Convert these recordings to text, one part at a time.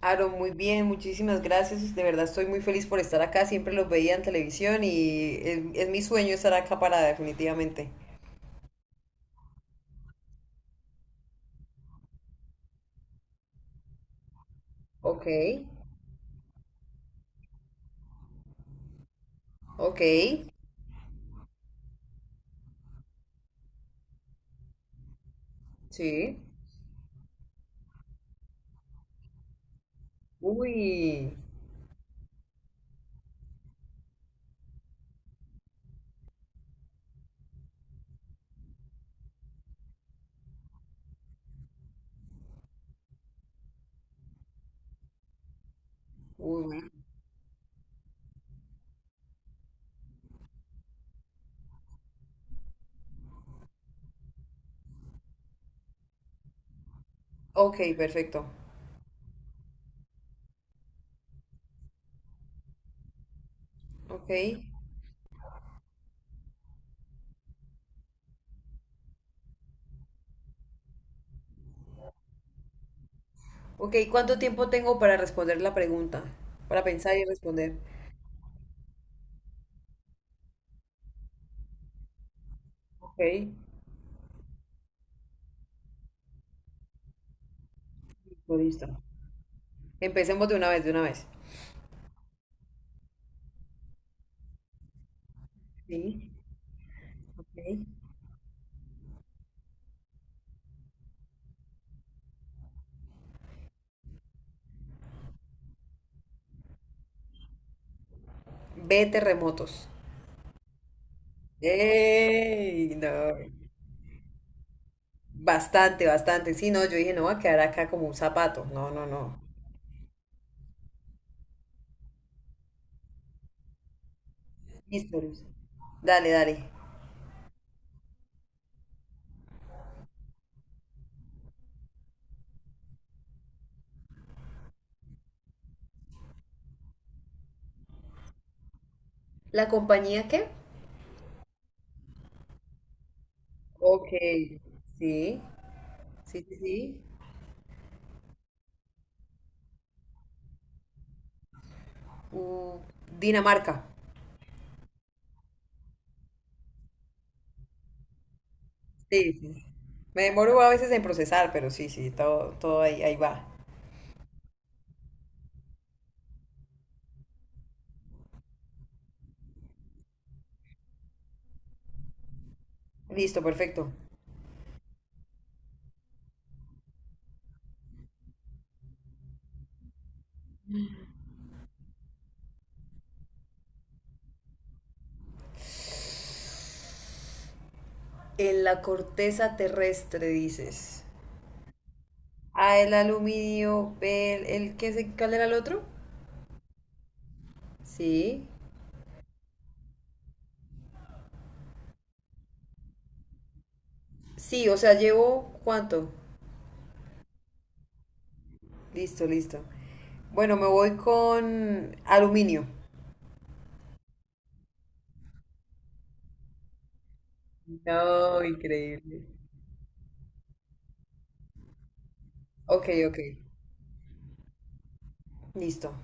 Aaron, muy bien, muchísimas gracias. De verdad estoy muy feliz por estar acá. Siempre los veía en televisión y es mi sueño estar acá para definitivamente. Ok, ok, sí. Uy, uy. Ok, perfecto. Ok, ok. ¿Cuánto tiempo tengo para responder la pregunta? Para pensar y responder. Ok, listo, listo. Empecemos de una vez, de una vez. Sí, ok. Ve terremotos. ¡Ey! No. Bastante, bastante. Sí, no, yo dije, no va a quedar acá como un zapato. No, no, no. Listo, Luz. Dale, dale. ¿La compañía qué? Ok. Sí, sí, sí, sí. Uh, Dinamarca. Sí, sí. Me demoro a veces en procesar, pero sí, sí, todo, todo ahí, ahí va. Listo, perfecto. En la corteza terrestre, dices. A, el aluminio, B, el que se, ¿cuál era el otro? Sí. Sí, o sea, llevo, ¿cuánto? Listo, listo. Bueno, me voy con aluminio. No, increíble. Ok, ok. Listo.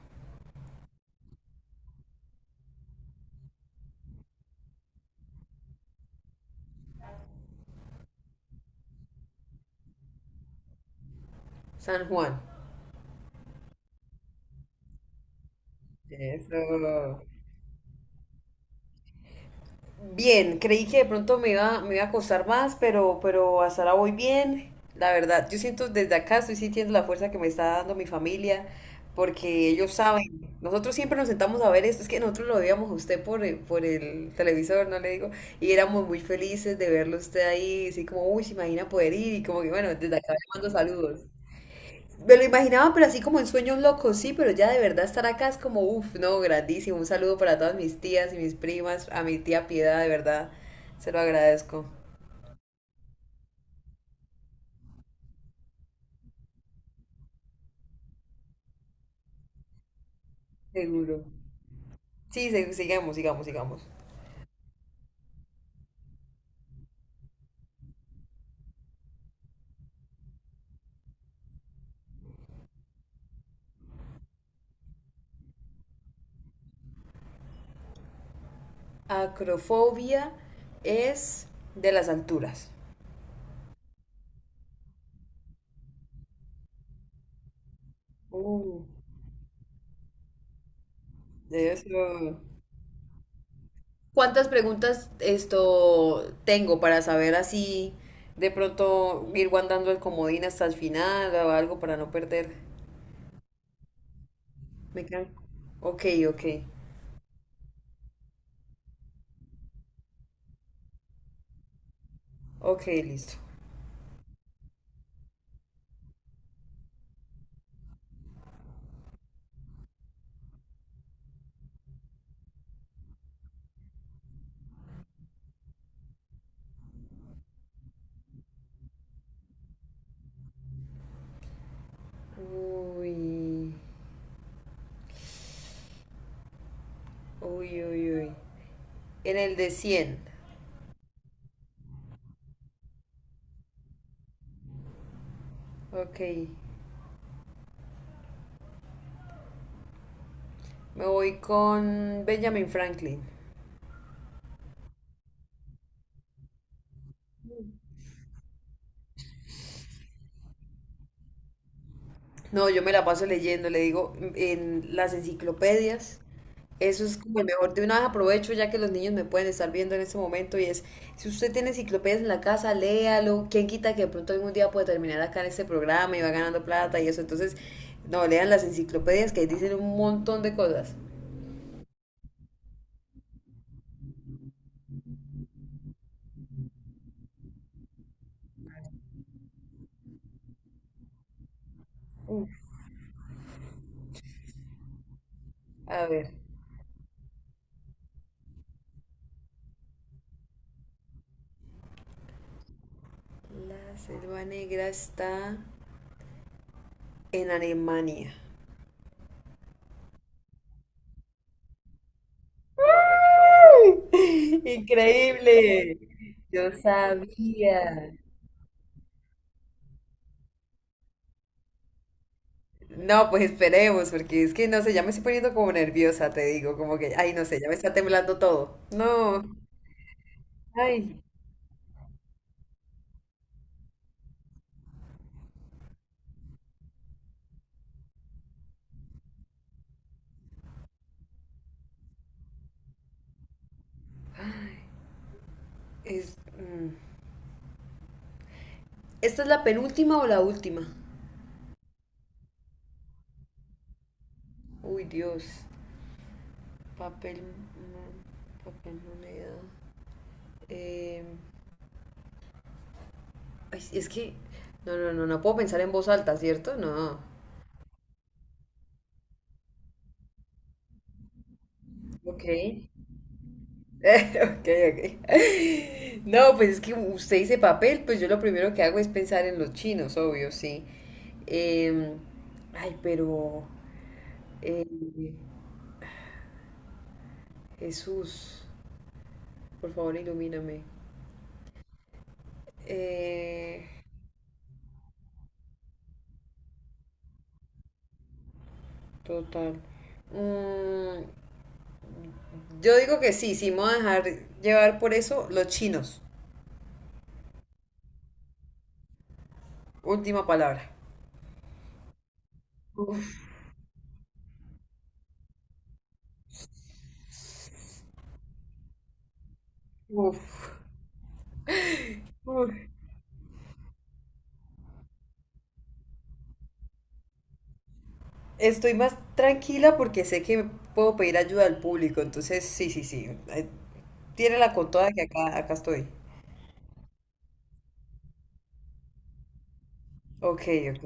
San Juan. Eso. Bien, creí que de pronto me iba a costar más, pero hasta ahora voy bien. La verdad, yo siento desde acá, estoy sintiendo la fuerza que me está dando mi familia, porque ellos saben. Nosotros siempre nos sentamos a ver esto, es que nosotros lo veíamos a usted por, por el televisor, no le digo, y éramos muy felices de verlo a usted ahí, así como, uy, se imagina poder ir, y como que bueno, desde acá le mando saludos. Me lo imaginaba, pero así como en sueños locos, sí, pero ya de verdad estar acá es como, uff, no, grandísimo. Un saludo para todas mis tías y mis primas, a mi tía Piedad, de verdad, se lo agradezco. Seguro. Sí, sigamos, sigamos, sigamos. Acrofobia es de las alturas. Uh, debe ¿Cuántas preguntas esto tengo para saber así de pronto ir guardando el comodín hasta el final o algo para no perder? Me quedan. Ok, ok. Ok, listo. Uy, uy, uy, uy. En el de cien. Ok. Me voy con Benjamin Franklin. No, yo me la paso leyendo, le digo, en las enciclopedias. Eso es como el mejor. De una vez aprovecho ya que los niños me pueden estar viendo en este momento y es, si usted tiene enciclopedias en la casa, léalo. ¿Quién quita que de pronto algún día puede terminar acá en este programa y va ganando plata y eso? Entonces, no, lean las enciclopedias que dicen un montón de cosas. A ver. La selva negra está en Alemania. Increíble. Yo sabía. No, pues esperemos, porque es que no sé, ya me estoy poniendo como nerviosa, te digo, como que, ay, no sé, ya me está temblando todo. No, ay, es, mm. ¿Esta es la penúltima o la última? Uy, Dios, papel, papel, moneda. Eh, ay, no, no, no, no puedo pensar en voz alta, ¿cierto? No. Ok. Ok, ok. No, pues es que usted dice papel, pues yo lo primero que hago es pensar en los chinos, obvio, sí. Em, ay, pero eh, Jesús, por favor, ilumíname. Eh, total. Mm, yo digo que sí, sí, me voy a dejar llevar por eso los chinos. Última palabra. Uf, uf, uf. Estoy más tranquila porque sé que puedo pedir ayuda al público, entonces sí, sí, sí. Tírala con toda que acá, acá estoy. Ok, ok.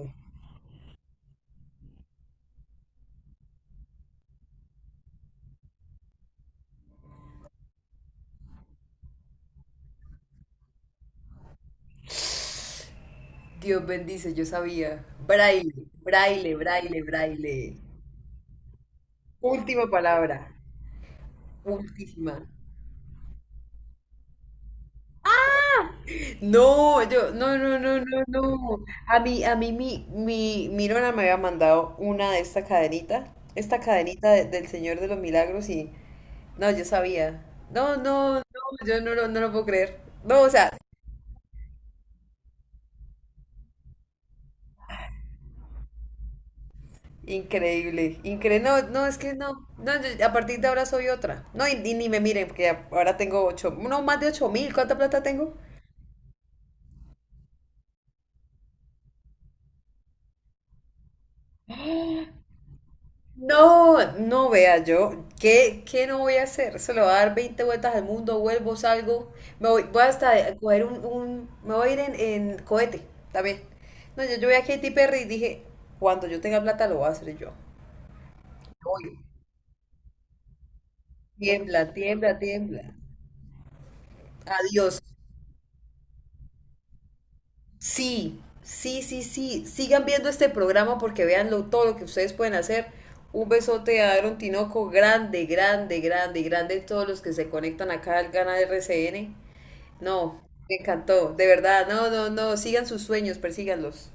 Dios bendice, yo sabía. Braille, braille, braille, braille. Última palabra. Última. No, yo, no, no, no, no, no. A mí, mi nona me había mandado una de esta cadenita del Señor de los Milagros y no, yo sabía. No, no, no, yo no lo puedo creer. No, o sea, increíble, increíble. No, no, es que no. No, a partir de ahora soy otra. No, y ni me miren, ahora tengo ocho, no, más de 8000. ¿Cuánta plata tengo? No, no vea yo. ¿Qué no voy a hacer? Se lo voy a dar 20 vueltas al mundo, vuelvo, salgo. Me voy, voy hasta a coger un- Me voy a ir en cohete también. No, yo vi a Katy Perry y dije, cuando yo tenga plata lo voy a hacer yo. Voy. Tiembla, tiembla, tiembla. Adiós. Sí, sí, sí, sí. Sigan viendo este programa porque vean todo lo que ustedes pueden hacer. Un besote a Aaron Tinoco, grande, grande, grande, grande. Todos los que se conectan acá al Gana RCN. No, me encantó, de verdad. No, no, no. Sigan sus sueños, persíganlos.